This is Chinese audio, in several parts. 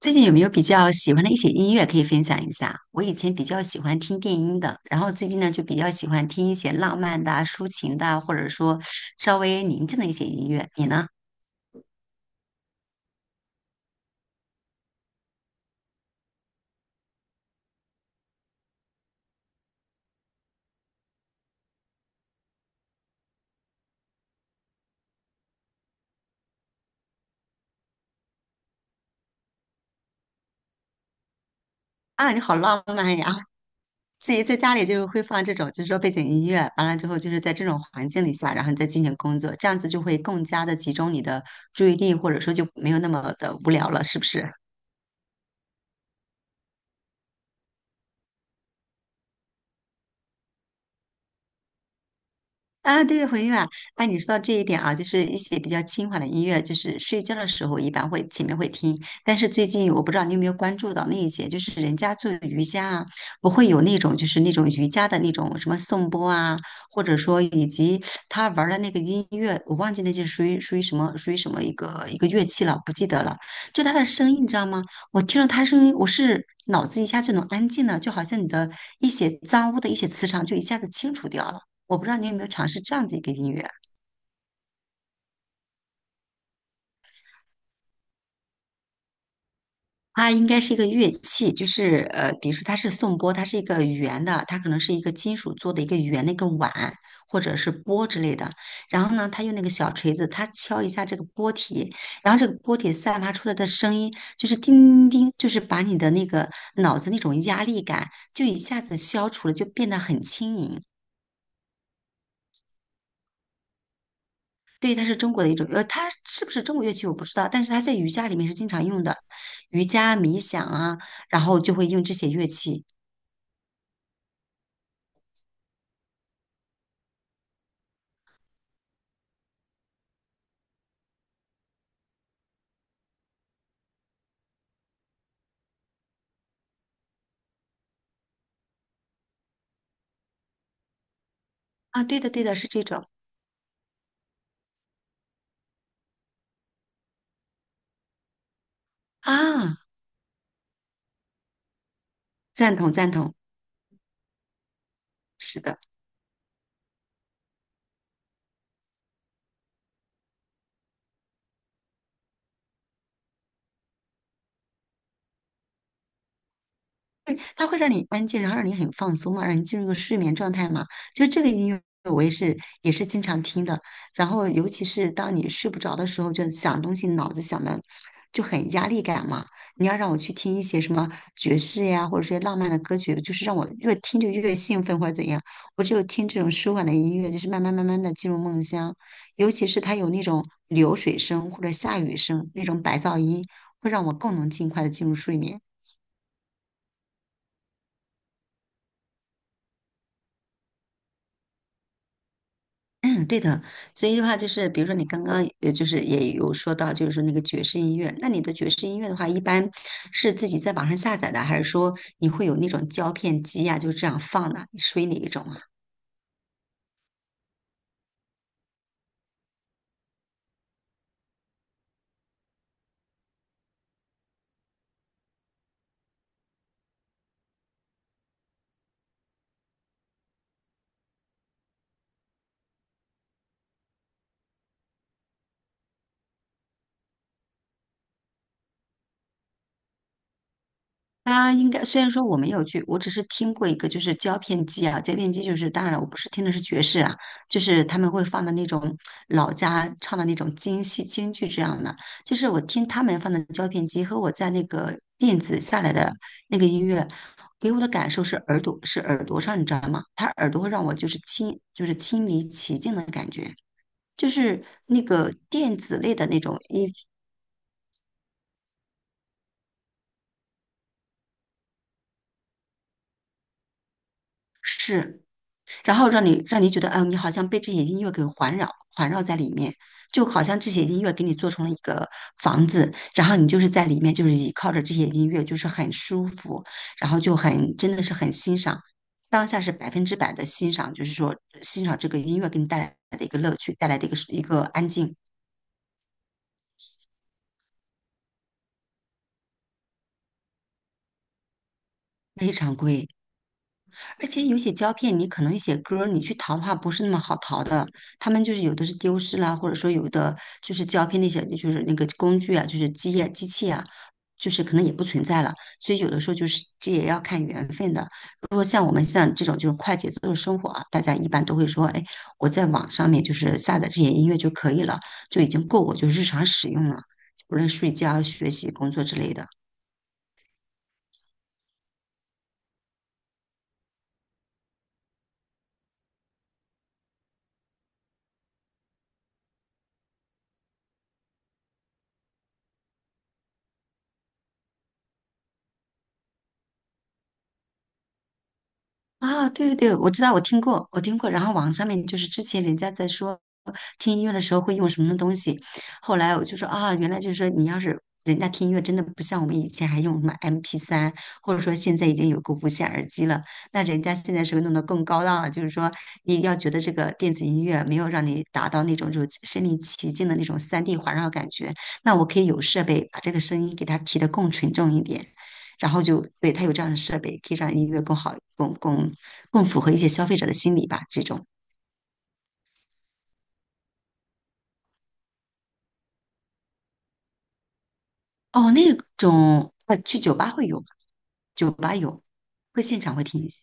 最近有没有比较喜欢的一些音乐可以分享一下？我以前比较喜欢听电音的，然后最近呢就比较喜欢听一些浪漫的啊抒情的啊或者说稍微宁静的一些音乐。你呢？啊，你好浪漫呀！自己在家里就是会放这种，就是说背景音乐，完了之后就是在这种环境里下，然后你再进行工作，这样子就会更加的集中你的注意力，或者说就没有那么的无聊了，是不是？啊，对，回音啊，那你说到这一点啊，就是一些比较轻缓的音乐，就是睡觉的时候一般会前面会听，但是最近我不知道你有没有关注到那一些，就是人家做瑜伽啊，不会有那种就是那种瑜伽的那种什么颂钵啊，或者说以及他玩儿的那个音乐，我忘记那是属于什么一个乐器了，不记得了。就他的声音，你知道吗？我听了他声音，我是脑子一下就能安静了，就好像你的一些脏污的一些磁场就一下子清除掉了。我不知道你有没有尝试这样子一个音乐啊，它应该是一个乐器，就是比如说它是颂钵，它是一个圆的，它可能是一个金属做的一个圆的一个碗或者是钵之类的。然后呢，它用那个小锤子，它敲一下这个钵体，然后这个钵体散发出来的声音就是叮叮叮，就是把你的那个脑子那种压力感就一下子消除了，就变得很轻盈。对，它是中国的一种，它是不是中国乐器我不知道，但是它在瑜伽里面是经常用的，瑜伽、冥想啊，然后就会用这些乐器啊。对的，对的，是这种啊，赞同，赞同，是的。对，它会让你安静，然后让你很放松嘛，让你进入一个睡眠状态嘛。就这个音乐，我也是也是经常听的。然后，尤其是当你睡不着的时候，就想东西，脑子想的就很压力感嘛。你要让我去听一些什么爵士呀，或者说浪漫的歌曲，就是让我越听就越兴奋或者怎样。我只有听这种舒缓的音乐，就是慢慢慢慢的进入梦乡。尤其是它有那种流水声或者下雨声那种白噪音，会让我更能尽快的进入睡眠。嗯，对的，所以的话就是，比如说你刚刚就是也有说到，就是说那个爵士音乐，那你的爵士音乐的话，一般是自己在网上下载的，还是说你会有那种胶片机呀、就这样放的？属于哪一种啊？它应该虽然说我没有去，我只是听过一个，就是胶片机啊，胶片机就是当然了，我不是听的是爵士啊，就是他们会放的那种老家唱的那种京戏京剧这样的，就是我听他们放的胶片机和我在那个电子下来的那个音乐，给我的感受是耳朵是耳朵上，你知道吗？他耳朵会让我就是亲临其境的感觉，就是那个电子类的那种音是。然后让你让你觉得，嗯，你好像被这些音乐给环绕在里面，就好像这些音乐给你做成了一个房子，然后你就是在里面，就是倚靠着这些音乐，就是很舒服，然后就很真的是很欣赏，当下是百分之百的欣赏，就是说欣赏这个音乐给你带来的一个乐趣，带来的一个安静。而且有些胶片，你可能有些歌儿，你去淘的话不是那么好淘的。他们就是有的是丢失啦，或者说有的就是胶片那些，就是那个工具啊，就是机啊、机器啊，就是可能也不存在了。所以有的时候就是这也要看缘分的。如果像我们像这种就是快节奏的生活啊，大家一般都会说，哎，我在网上面就是下载这些音乐就可以了，就已经够我就日常使用了，无论睡觉、学习、工作之类的。啊，对对对，我知道，我听过，我听过。然后网上面就是之前人家在说听音乐的时候会用什么东西，后来我就说啊，原来就是说你要是人家听音乐真的不像我们以前还用什么 MP3,或者说现在已经有个无线耳机了，那人家现在是不是弄得更高档了？就是说你要觉得这个电子音乐没有让你达到那种就是身临其境的那种三 d 环绕感觉，那我可以有设备把这个声音给它提得更纯正一点。然后就对它有这样的设备，可以让音乐更好、更符合一些消费者的心理吧。这种哦，那种去酒吧会有吧，酒吧有，会现场会听一些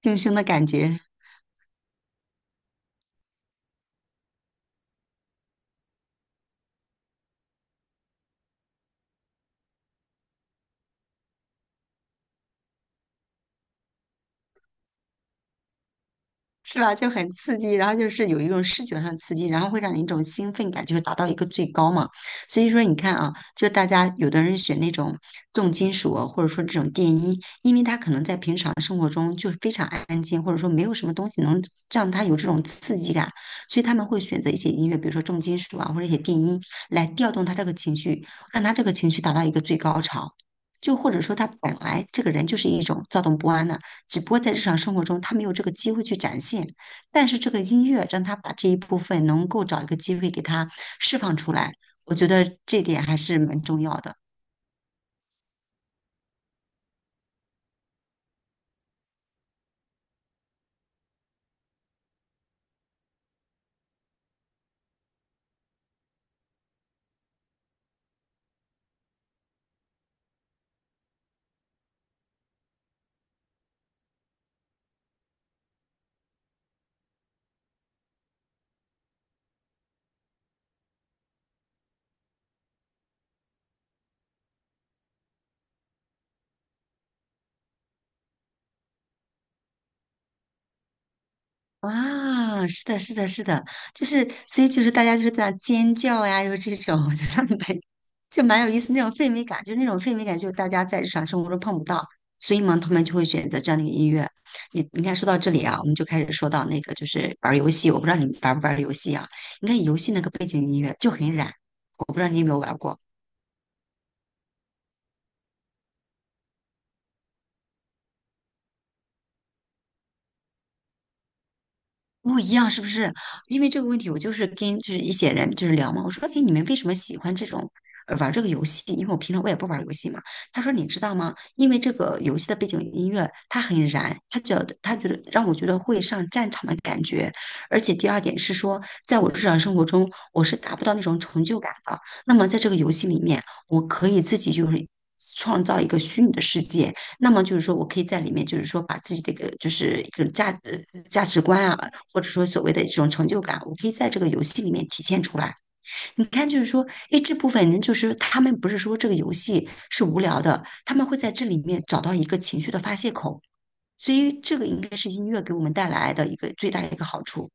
听胸的感觉。是吧？就很刺激，然后就是有一种视觉上刺激，然后会让你一种兴奋感，就是达到一个最高嘛。所以说，你看啊，就大家有的人选那种重金属啊或者说这种电音，因为他可能在平常生活中就非常安静，或者说没有什么东西能让他有这种刺激感，所以他们会选择一些音乐，比如说重金属啊，或者一些电音，来调动他这个情绪，让他这个情绪达到一个最高潮。就或者说他本来这个人就是一种躁动不安的。只不过在日常生活中他没有这个机会去展现。但是这个音乐让他把这一部分能够找一个机会给他释放出来，我觉得这点还是蛮重要的。哇，是的，是的，是的，就是所以就是大家就是在那尖叫呀，又是这种，就得蛮就蛮有意思那种氛围感，就那种氛围感，就大家在日常生活中碰不到，所以嘛，他们就会选择这样的一个音乐。你你看，说到这里啊，我们就开始说到那个就是玩儿游戏，我不知道你玩不玩儿游戏啊？你看游戏那个背景音乐就很燃，我不知道你有没有玩过。不一样，是不是？因为这个问题，我就是跟就是一些人就是聊嘛，我说，哎，你们为什么喜欢这种玩这个游戏？因为我平常我也不玩游戏嘛。他说，你知道吗？因为这个游戏的背景音乐它很燃，他觉得让我觉得会上战场的感觉。而且第二点是说，在我日常生活中，我是达不到那种成就感的。那么在这个游戏里面，我可以自己就是。创造一个虚拟的世界，那么就是说我可以在里面，就是说把自己的一个就是一种价值观啊，或者说所谓的这种成就感，我可以在这个游戏里面体现出来。你看，就是说，诶，这部分人就是他们不是说这个游戏是无聊的，他们会在这里面找到一个情绪的发泄口，所以这个应该是音乐给我们带来的一个最大的一个好处。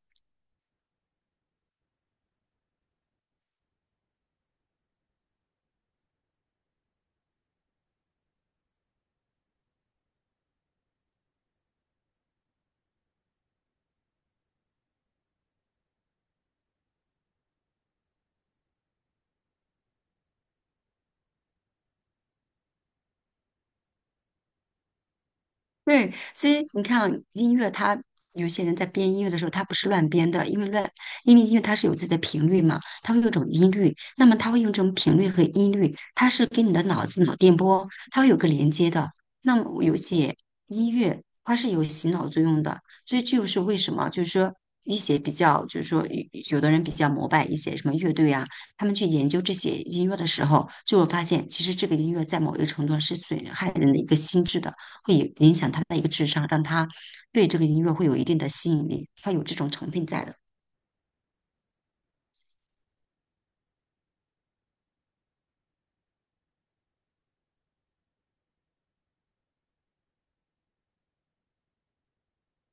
对，所以你看啊音乐它有些人在编音乐的时候，他不是乱编的，因为乱，因为音乐它是有自己的频率嘛，它会有一种音律，那么它会用这种频率和音律，它是跟你的脑子脑电波，它会有个连接的。那么有些音乐它是有洗脑作用的，所以这就是为什么，就是说一些比较，就是说有有的人比较膜拜一些什么乐队啊，他们去研究这些音乐的时候，就会发现，其实这个音乐在某一个程度上是损害人的一个心智的。会影响他的一个智商，让他对这个音乐会有一定的吸引力，他有这种成分在的。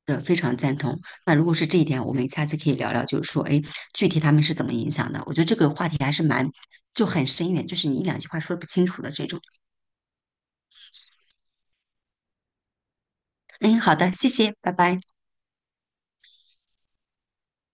非常赞同。那如果是这一点，我们下次可以聊聊，就是说，哎，具体他们是怎么影响的？我觉得这个话题还是蛮，就很深远，就是你一两句话说不清楚的这种。嗯，好的，谢谢，拜拜。